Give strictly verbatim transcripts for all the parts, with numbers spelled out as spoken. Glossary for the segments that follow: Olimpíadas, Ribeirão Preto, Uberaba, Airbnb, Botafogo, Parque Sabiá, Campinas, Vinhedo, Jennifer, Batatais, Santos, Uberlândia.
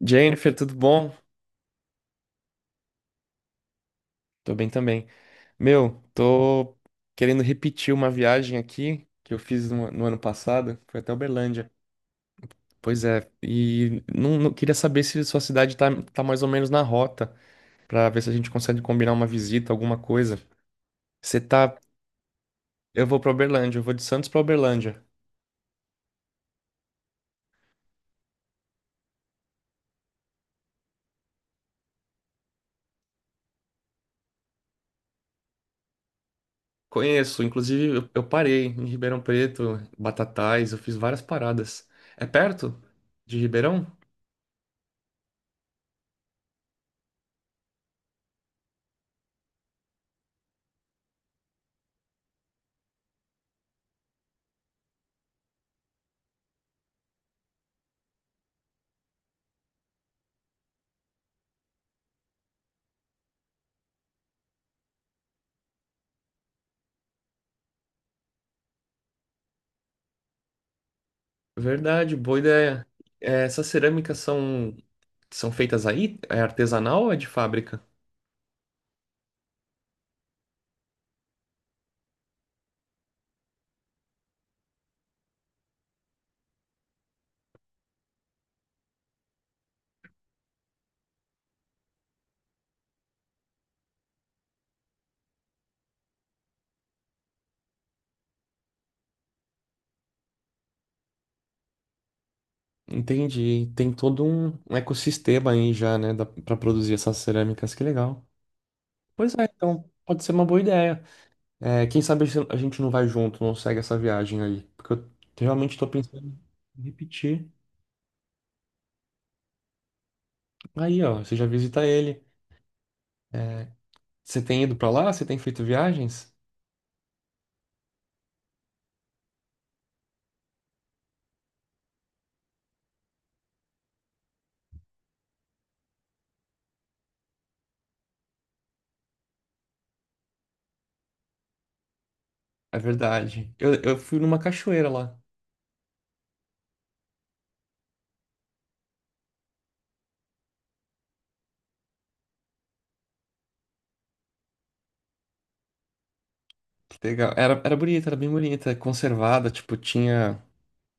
Jennifer, tudo bom? Tô bem também. Meu, tô querendo repetir uma viagem aqui que eu fiz no, no ano passado. Foi até Uberlândia. Pois é, e não, não- queria saber se sua cidade tá, tá mais ou menos na rota, pra ver se a gente consegue combinar uma visita, alguma coisa. Você tá. Eu vou pra Uberlândia, eu vou de Santos pra Uberlândia. Conheço, inclusive eu, eu parei em Ribeirão Preto, Batatais, eu fiz várias paradas. É perto de Ribeirão? Verdade, boa ideia. É, essas cerâmicas são, são feitas aí? É artesanal ou é de fábrica? Entendi. Tem todo um um ecossistema aí já, né, da- pra produzir essas cerâmicas. Que legal. Pois é, então pode ser uma boa ideia. É, quem sabe se a gente não vai junto, não segue essa viagem aí. Porque eu realmente tô pensando em repetir. Aí, ó, você já visita ele. É, você tem ido pra lá? Você tem feito viagens? É verdade. Eu, eu fui numa cachoeira lá. Legal. Era, era bonita, era bem bonita, conservada, tipo, tinha,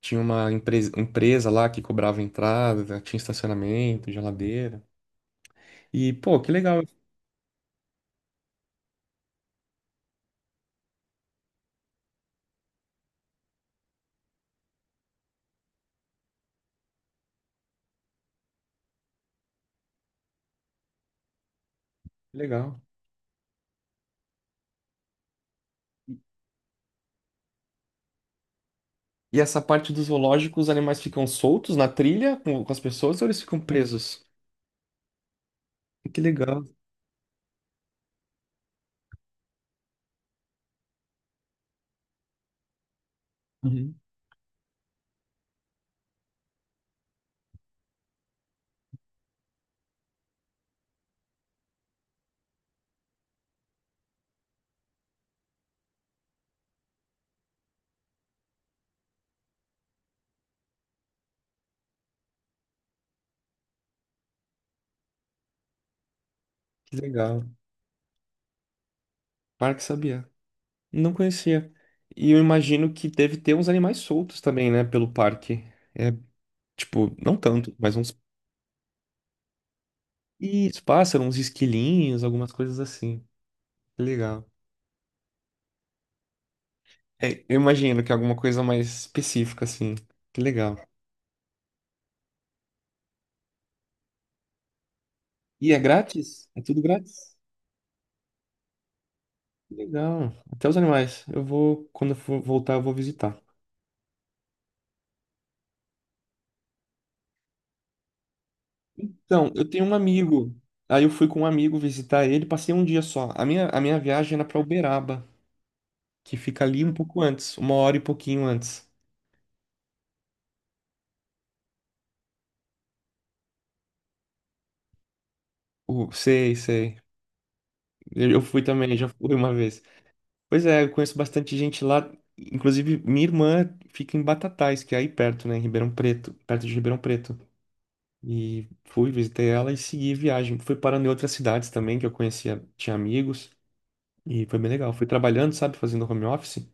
tinha uma empresa, empresa lá que cobrava entrada, né, tinha estacionamento, geladeira. E, pô, que legal, que legal. E essa parte do zoológico, os animais ficam soltos na trilha com, com as pessoas ou eles ficam presos? Que legal. Uhum. Que legal. Parque Sabiá. Não conhecia. E eu imagino que deve ter uns animais soltos também, né, pelo parque. É, tipo, não tanto, mas uns, isso, pássaros, uns esquilinhos, algumas coisas assim. Que legal. É, eu imagino que é alguma coisa mais específica, assim. Que legal. E é grátis? É tudo grátis? Que legal. Até os animais. Eu vou, quando eu for voltar, eu vou visitar. Então, eu tenho um amigo. Aí eu fui com um amigo visitar ele, passei um dia só. A minha, a minha viagem era pra Uberaba, que fica ali um pouco antes, uma hora e pouquinho antes. Uh, sei, sei. Eu eu fui também, já fui uma vez. Pois é, eu conheço bastante gente lá. Inclusive, minha irmã fica em Batatais, que é aí perto, né, em Ribeirão Preto, perto de Ribeirão Preto. E fui, visitei ela e segui viagem. Fui parando em outras cidades também que eu conhecia, tinha amigos, e foi bem legal. Fui trabalhando, sabe, fazendo home office,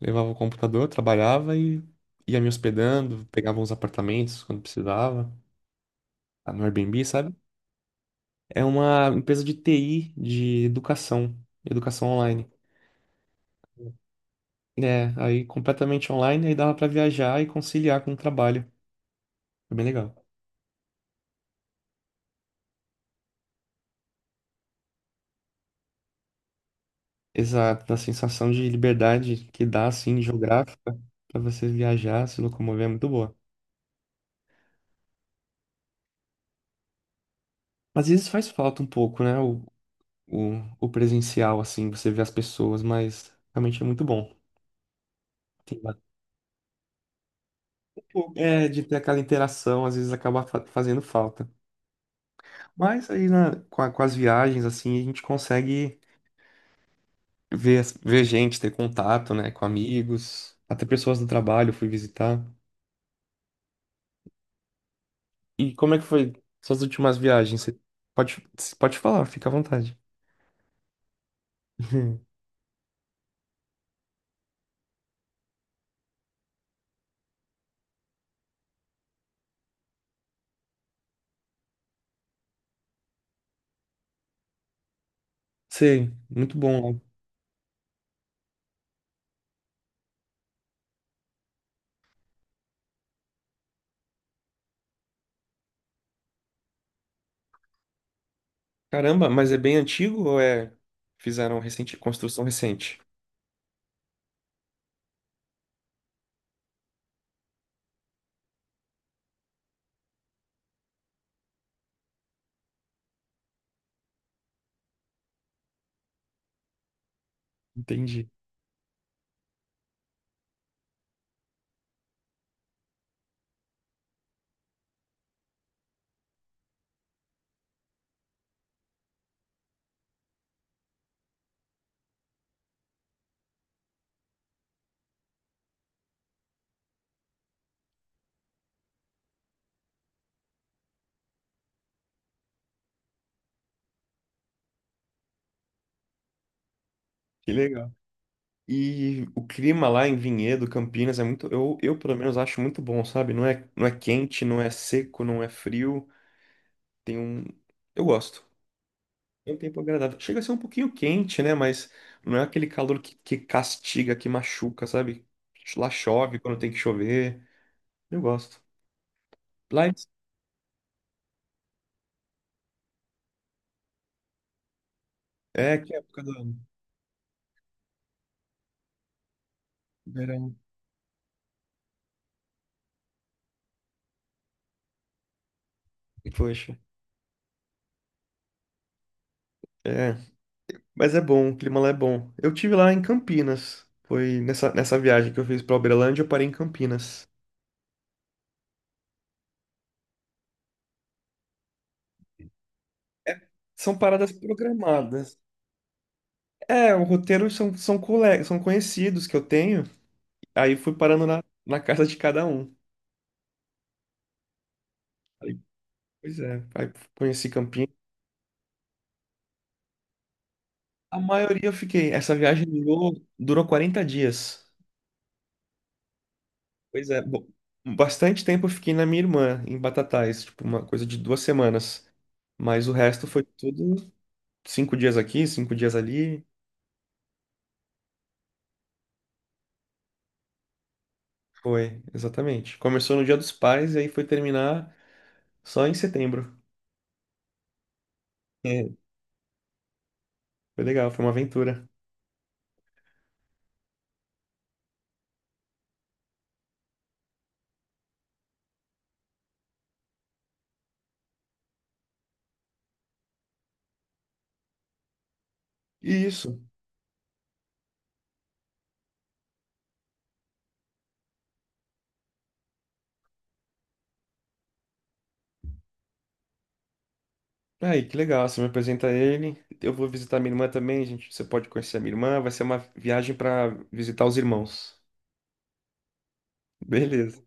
levava o computador, trabalhava e ia me hospedando, pegava uns apartamentos quando precisava, tá, no Airbnb, sabe? É uma empresa de T I, de educação, educação online. É, aí completamente online, aí dava pra viajar e conciliar com o trabalho. Foi bem legal. Exato, da sensação de liberdade que dá, assim, geográfica, para você viajar, se locomover, é muito boa. Às vezes faz falta um pouco, né? O, o, o presencial, assim, você vê as pessoas, mas realmente é muito bom. Tem ba- É, de ter aquela interação, às vezes acaba fa- fazendo falta. Mas aí na, com, a- com as viagens, assim, a gente consegue ver, as- ver gente, ter contato, né, com amigos, até pessoas do trabalho eu fui visitar. E como é que foi suas últimas viagens? Você pode, pode falar, fica à vontade. Uhum. Sei, muito bom. Caramba, mas é bem antigo ou é fizeram recente, construção recente? Entendi. Que legal. E o clima lá em Vinhedo, Campinas, é muito, eu, eu pelo menos acho muito bom, sabe? Não é, não é quente, não é seco, não é frio. Tem um, eu gosto. É um tempo agradável. Chega a ser um pouquinho quente, né? Mas não é aquele calor que, que castiga, que machuca, sabe? Lá chove quando tem que chover. Eu gosto. Lá em- É que época do ano? Verão. Poxa. É. Mas é bom, o clima lá é bom. Eu tive lá em Campinas. Foi nessa, nessa viagem que eu fiz pra Uberlândia, eu parei em Campinas. É, são paradas programadas. É, o roteiro são, são, cole... são conhecidos que eu tenho. Aí fui parando na, na casa de cada um. Aí, pois é, aí conheci Campinas. A maioria eu fiquei. Essa viagem durou, durou quarenta dias. Pois é, bo- bastante tempo eu fiquei na minha irmã, em Batatais, tipo, uma coisa de duas semanas. Mas o resto foi tudo cinco dias aqui, cinco dias ali. Foi, exatamente. Começou no Dia dos Pais e aí foi terminar só em setembro. É, foi legal, foi uma aventura. E isso. Aí, que legal. Você me apresenta ele. Eu vou visitar minha irmã também, gente. Você pode conhecer a minha irmã. Vai ser uma viagem para visitar os irmãos. Beleza.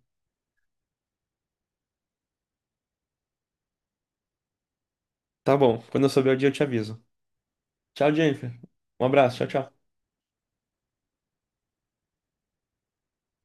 Tá bom. Quando eu souber o dia, eu te aviso. Tchau, Jennifer. Um abraço. Tchau, tchau.